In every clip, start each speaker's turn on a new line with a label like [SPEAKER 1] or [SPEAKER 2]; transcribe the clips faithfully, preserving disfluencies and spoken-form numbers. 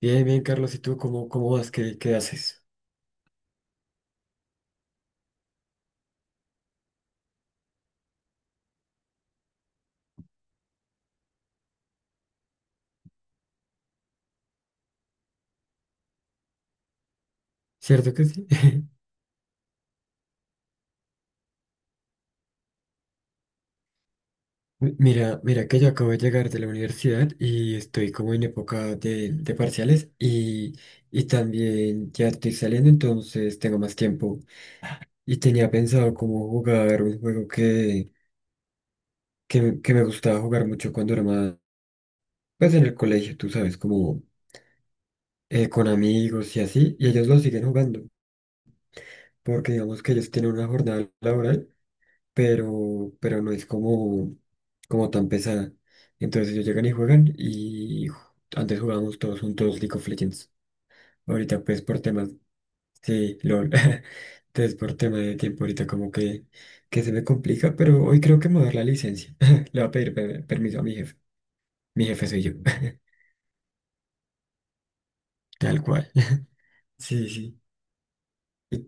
[SPEAKER 1] Bien, bien, Carlos, ¿y tú cómo, cómo vas? ¿Qué, qué haces? ¿Cierto que sí? Mi- Mira, mira que yo acabo de llegar de la universidad y estoy como en época de, de parciales y, y también ya estoy saliendo, entonces tengo más tiempo. Y tenía pensado como jugar un juego que, que, me que me gustaba jugar mucho cuando era más, pues en el colegio, tú sabes, como eh, con amigos y así, y ellos lo siguen jugando, porque digamos que ellos tienen una jornada laboral. pero, pero no es como, como tan pesada. Entonces ellos llegan y juegan y ju- antes jugábamos todos juntos League of Legends. Ahorita pues por temas, sí, LOL. Entonces por tema de tiempo ahorita como que, que se me complica, pero hoy creo que me voy a dar la licencia. Le voy a pedir pe- permiso a mi jefe. Mi jefe soy yo, tal cual. Sí, sí. Y.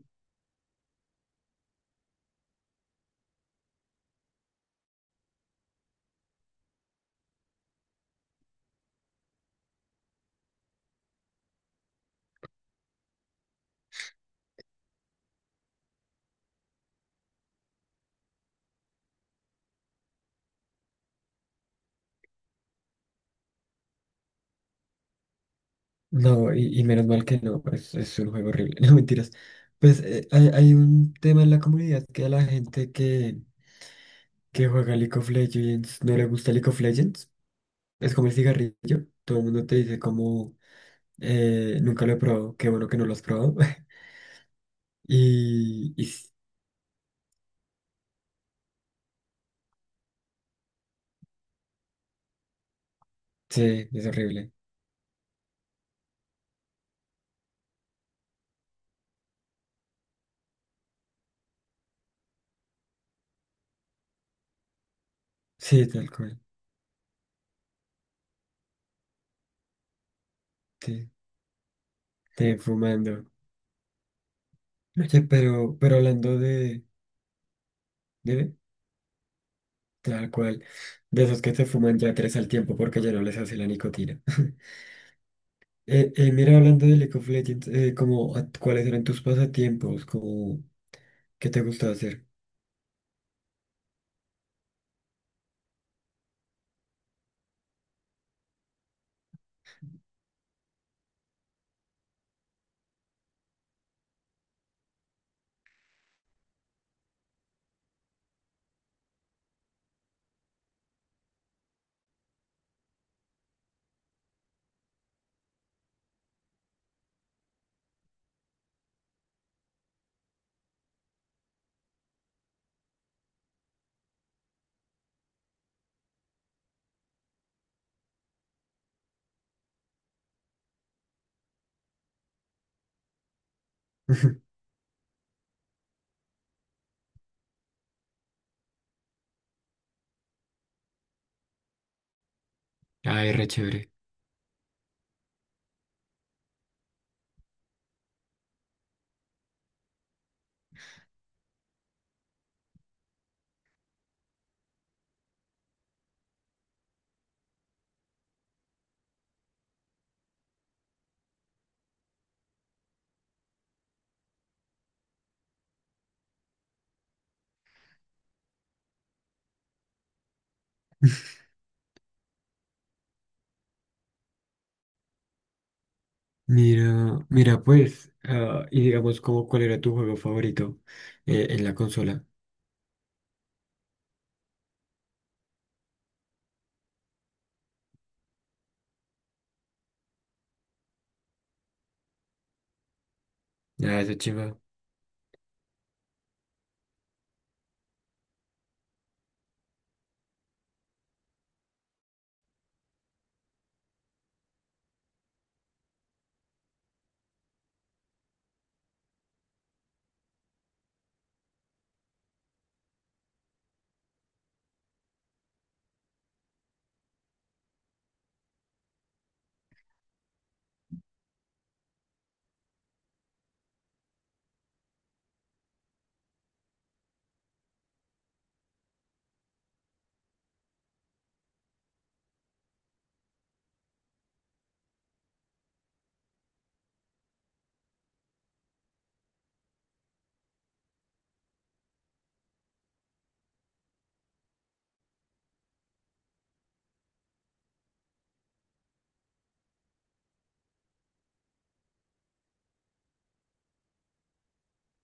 [SPEAKER 1] No, y, y menos mal que no, es, es un juego horrible. No, mentiras. Pues eh, hay, hay un tema en la comunidad que a la gente que, que juega League of Legends no le gusta League of Legends. Es como el cigarrillo. Todo el mundo te dice como eh, nunca lo he probado, qué bueno que no lo has probado. Y, y s- sí, es horrible. Sí, tal cual. Sí, te fumando. Oye, pero, pero hablando de, de tal cual, de esos que se fuman ya tres al tiempo porque ya no les hace la nicotina. Eh, eh, mira, hablando de League of Legends, eh, como, a- ¿cuáles eran tus pasatiempos? Como, ¿qué te gustaba hacer? Ay, re chévere. Mira, mira, pues, ah, y digamos, como, ¿cuál era tu juego favorito eh, en la consola? Ah, esa chiva.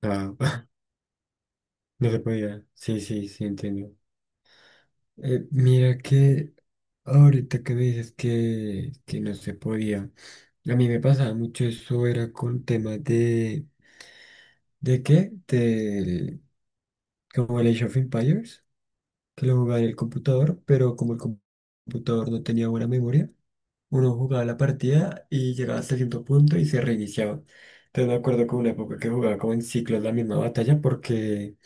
[SPEAKER 1] Ah, no se podía. Sí, sí, sí, entiendo. Eh, mira que ahorita que me dices que, que no se podía, a mí me pasaba mucho eso, era con temas de, ¿de qué? Del, como el Age of Empires, que lo jugaba en el computador, pero como el com- computador no tenía buena memoria. Uno jugaba la partida y llegaba hasta cierto punto y se reiniciaba. Entonces me acuerdo que hubo una época que jugaba como en ciclos la misma batalla porque,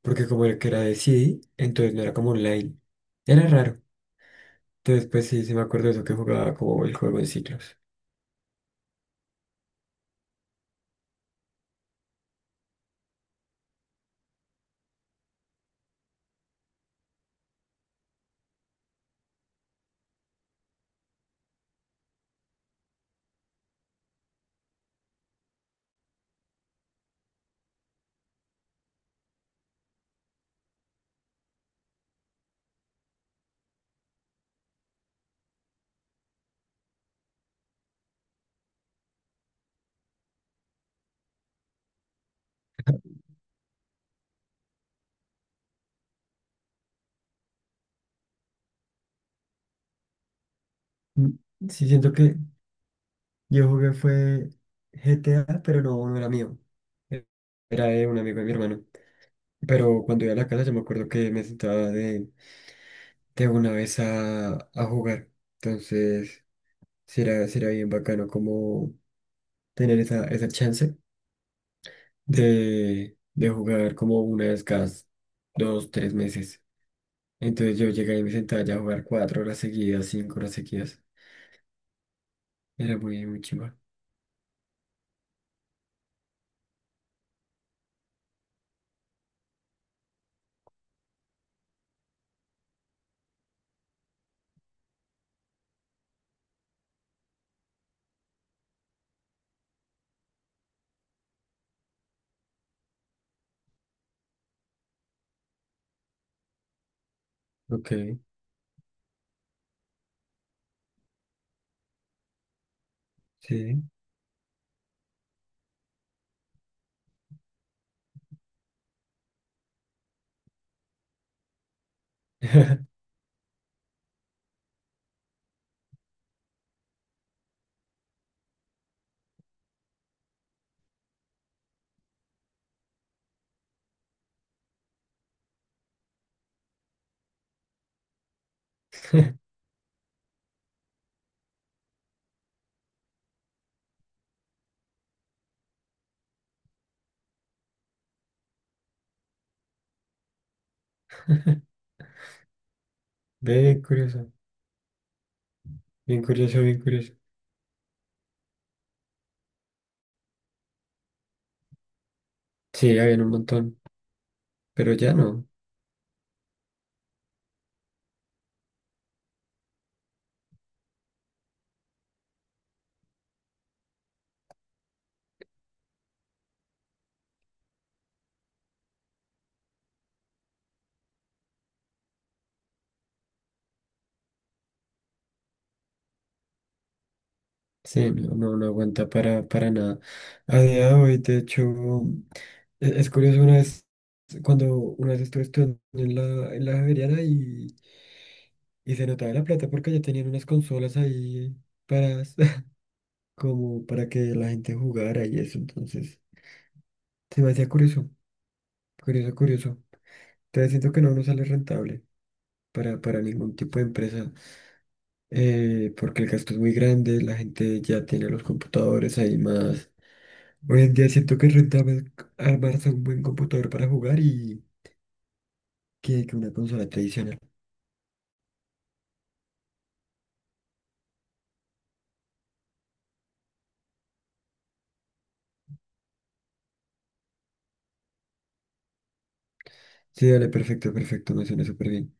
[SPEAKER 1] porque como era que era de C D, entonces no era como online. Era raro. Entonces pues sí, sí me acuerdo de eso que jugaba como el juego en ciclos. Mm. Sí siento que yo jugué fue G T A, pero no, no era mío. E- Era de un amigo de mi hermano. Pero cuando iba a la casa yo me acuerdo que me sentaba de, de una vez a, a jugar. Entonces, Será, será bien bacano como tener esa, esa chance de, de jugar como una vez cada dos, tres meses. Entonces yo llegué y me sentaba ya a jugar cuatro horas seguidas, cinco horas seguidas. Era muy, muy chimba. Ok, sí. Bien curioso, bien curioso, bien curioso. Sí, había un montón, pero ya no. Sí, no, no, no aguanta para, para nada. A día de hoy, de hecho. Es, es curioso, una vez, cuando una vez estuve estudiando en la, en la Javeriana y, y se notaba la plata porque ya tenían unas consolas ahí para, como para que la gente jugara y eso, entonces se me hacía curioso, curioso, curioso. Te siento que no nos sale rentable para, para ningún tipo de empresa, eh, porque el gasto es muy grande, la gente ya tiene los computadores ahí más. Hoy en día siento que es rentable armarse un buen computador para jugar y que, que una consola tradicional. Sí, dale, perfecto, perfecto, me suena súper bien.